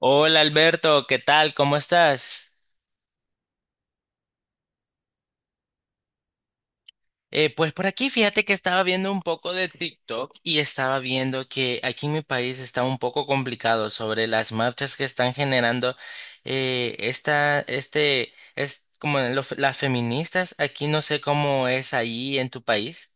Hola Alberto, ¿qué tal? ¿Cómo estás? Pues por aquí fíjate que estaba viendo un poco de TikTok y estaba viendo que aquí en mi país está un poco complicado sobre las marchas que están generando es como las feministas. Aquí no sé cómo es ahí en tu país.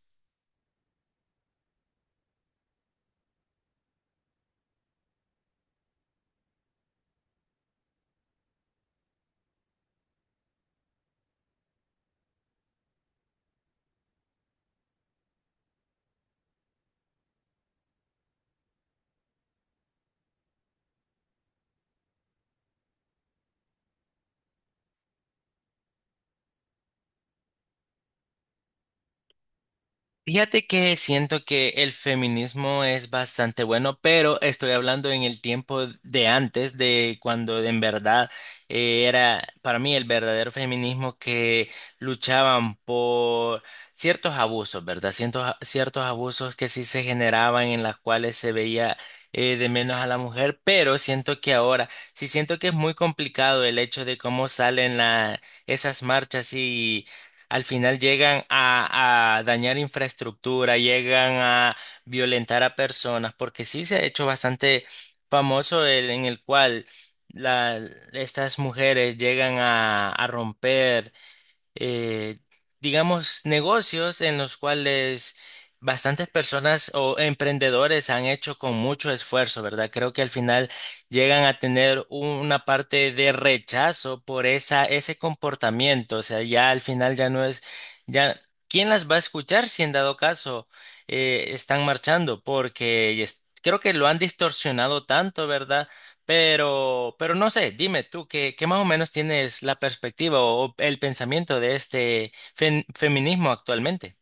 Fíjate que siento que el feminismo es bastante bueno, pero estoy hablando en el tiempo de antes, de cuando en verdad era para mí el verdadero feminismo que luchaban por ciertos abusos, ¿verdad? Ciertos abusos que sí se generaban en las cuales se veía de menos a la mujer, pero siento que ahora sí siento que es muy complicado el hecho de cómo salen esas marchas al final llegan a dañar infraestructura, llegan a violentar a personas, porque sí se ha hecho bastante famoso el, en el cual la- estas mujeres llegan a romper eh, digamos, negocios en los cuales bastantes personas o emprendedores han hecho con mucho esfuerzo, ¿verdad? Creo que al final llegan a tener una parte de rechazo por esa, ese comportamiento. O sea, ya al final ya no es, ya, ¿quién las va a escuchar si en dado caso están marchando? Porque creo que lo han distorsionado tanto, ¿verdad? Pero no sé, dime tú, ¿qué, qué más o menos tienes la perspectiva o el pensamiento de este feminismo actualmente?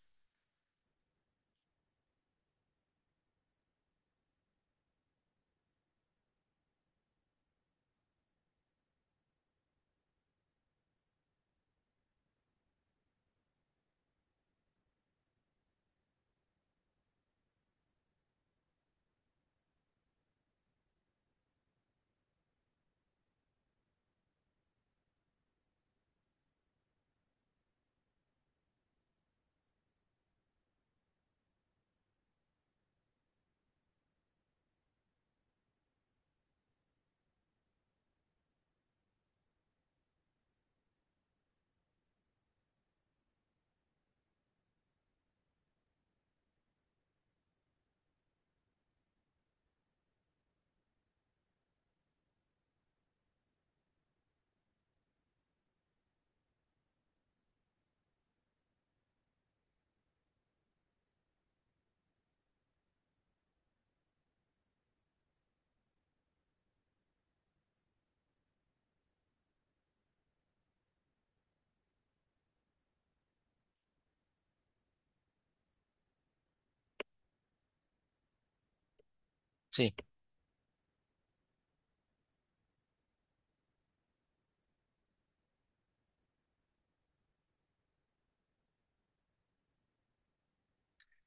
Sí,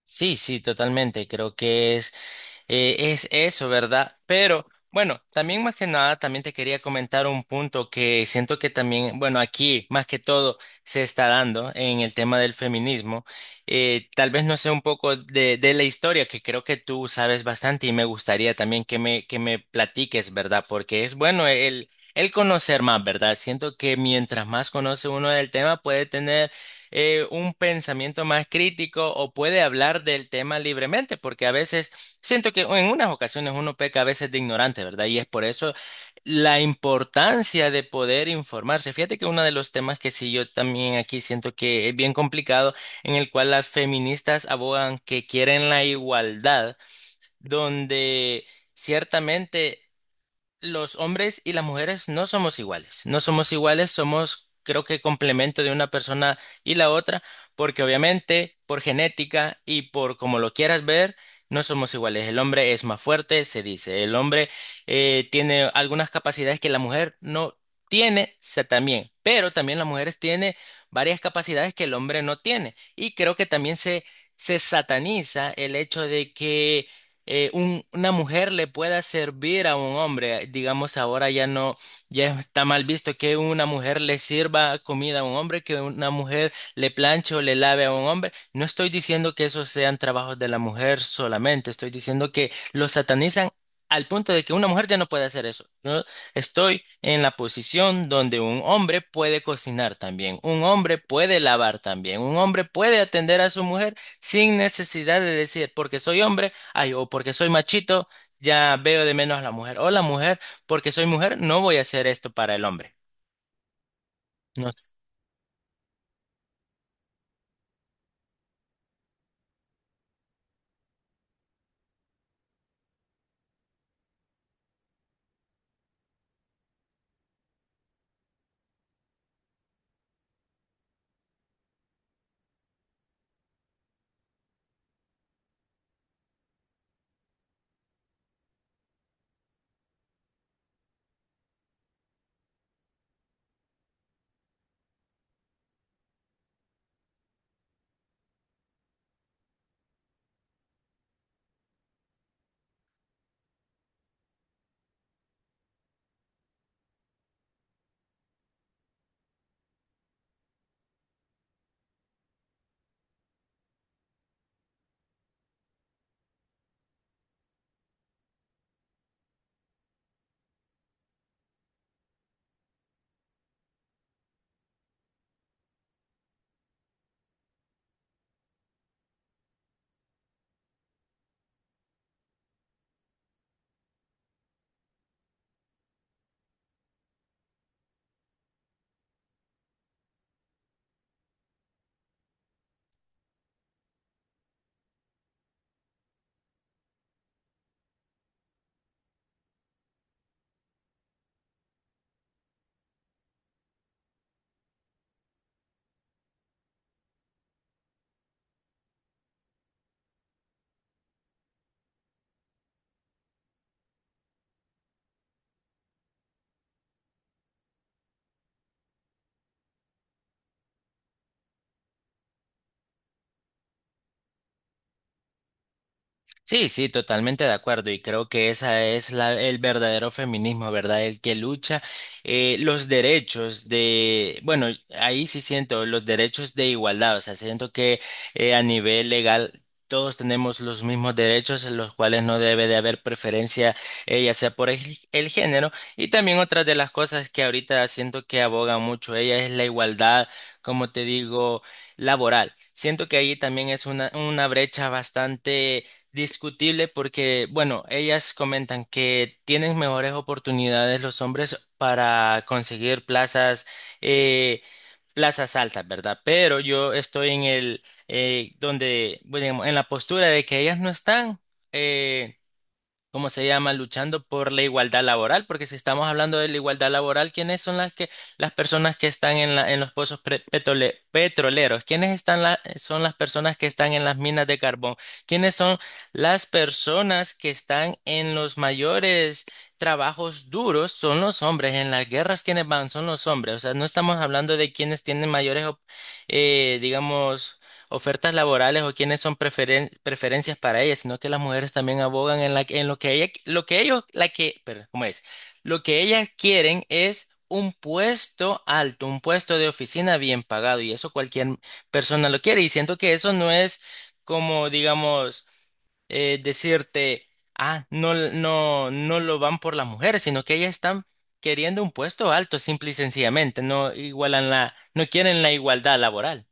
sí, sí, totalmente. Creo que es. Es eso, ¿verdad? Pero bueno, también más que nada, también te quería comentar un punto que siento que también, bueno, aquí más que todo se está dando en el tema del feminismo. Tal vez no sé un poco de la historia, que creo que tú sabes bastante y me gustaría también que que me platiques, ¿verdad? Porque es bueno el conocer más, ¿verdad? Siento que mientras más conoce uno del tema, puede tener un pensamiento más crítico o puede hablar del tema libremente, porque a veces. Siento que en unas ocasiones uno peca a veces de ignorante, ¿verdad? Y es por eso la importancia de poder informarse. Fíjate que uno de los temas que sí yo también aquí siento que es bien complicado, en el cual las feministas abogan que quieren la igualdad, donde ciertamente los hombres y las mujeres no somos iguales, no somos iguales, somos creo que complemento de una persona y la otra, porque obviamente por genética y por como lo quieras ver, no somos iguales. El hombre es más fuerte, se dice, el hombre tiene algunas capacidades que la mujer no tiene, se también, pero también las mujeres tienen varias capacidades que el hombre no tiene. Y creo que también se sataniza el hecho de que una mujer le pueda servir a un hombre. Digamos, ahora ya no, ya está mal visto que una mujer le sirva comida a un hombre, que una mujer le planche o le lave a un hombre. No estoy diciendo que esos sean trabajos de la mujer solamente, estoy diciendo que lo satanizan al punto de que una mujer ya no puede hacer eso. Yo estoy en la posición donde un hombre puede cocinar también, un hombre puede lavar también, un hombre puede atender a su mujer sin necesidad de decir, porque soy hombre, ay, o porque soy machito, ya veo de menos a la mujer. O la mujer, porque soy mujer, no voy a hacer esto para el hombre. No. Sí, sí, totalmente de acuerdo y creo que esa es la, el verdadero feminismo, ¿verdad? El que lucha los derechos de, bueno, ahí sí siento los derechos de igualdad. O sea, siento que a nivel legal todos tenemos los mismos derechos en los cuales no debe de haber preferencia, ya sea por el género, y también otra de las cosas que ahorita siento que aboga mucho ella es la igualdad, como te digo, laboral. Siento que ahí también es una brecha bastante discutible porque, bueno, ellas comentan que tienen mejores oportunidades los hombres para conseguir plazas, eh, plazas altas, ¿verdad? Pero yo estoy en el, donde, bueno, digamos, en la postura de que ellas no están, eh, ¿cómo se llama? Luchando por la igualdad laboral, porque si estamos hablando de la igualdad laboral, ¿quiénes son las que las personas que están en la, en los pozos petroleros? ¿Quiénes están son las personas que están en las minas de carbón? ¿Quiénes son las personas que están en los mayores trabajos duros? Son los hombres. En las guerras, ¿quiénes van? Son los hombres. O sea, no estamos hablando de quienes tienen mayores, digamos, ofertas laborales o quiénes son preferencias para ellas, sino que las mujeres también abogan en, la, en lo que ella, lo que ellos, la que, perdón, ¿cómo es? Lo que ellas quieren es un puesto alto, un puesto de oficina bien pagado, y eso cualquier persona lo quiere, y siento que eso no es como, digamos, decirte, ah, no, no, no lo van por las mujeres, sino que ellas están queriendo un puesto alto, simple y sencillamente. No igualan la, no quieren la igualdad laboral.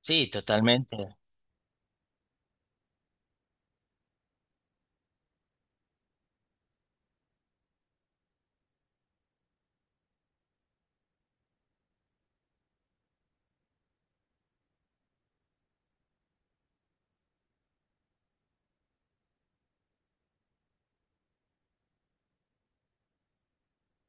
Sí, totalmente.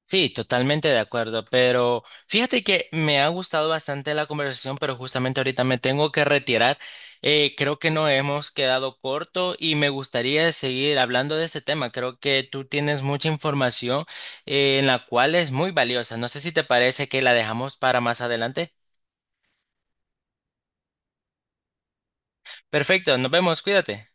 Sí, totalmente de acuerdo, pero fíjate que me ha gustado bastante la conversación, pero justamente ahorita me tengo que retirar. Creo que nos hemos quedado corto y me gustaría seguir hablando de este tema. Creo que tú tienes mucha información en la cual es muy valiosa. No sé si te parece que la dejamos para más adelante. Perfecto, nos vemos, cuídate.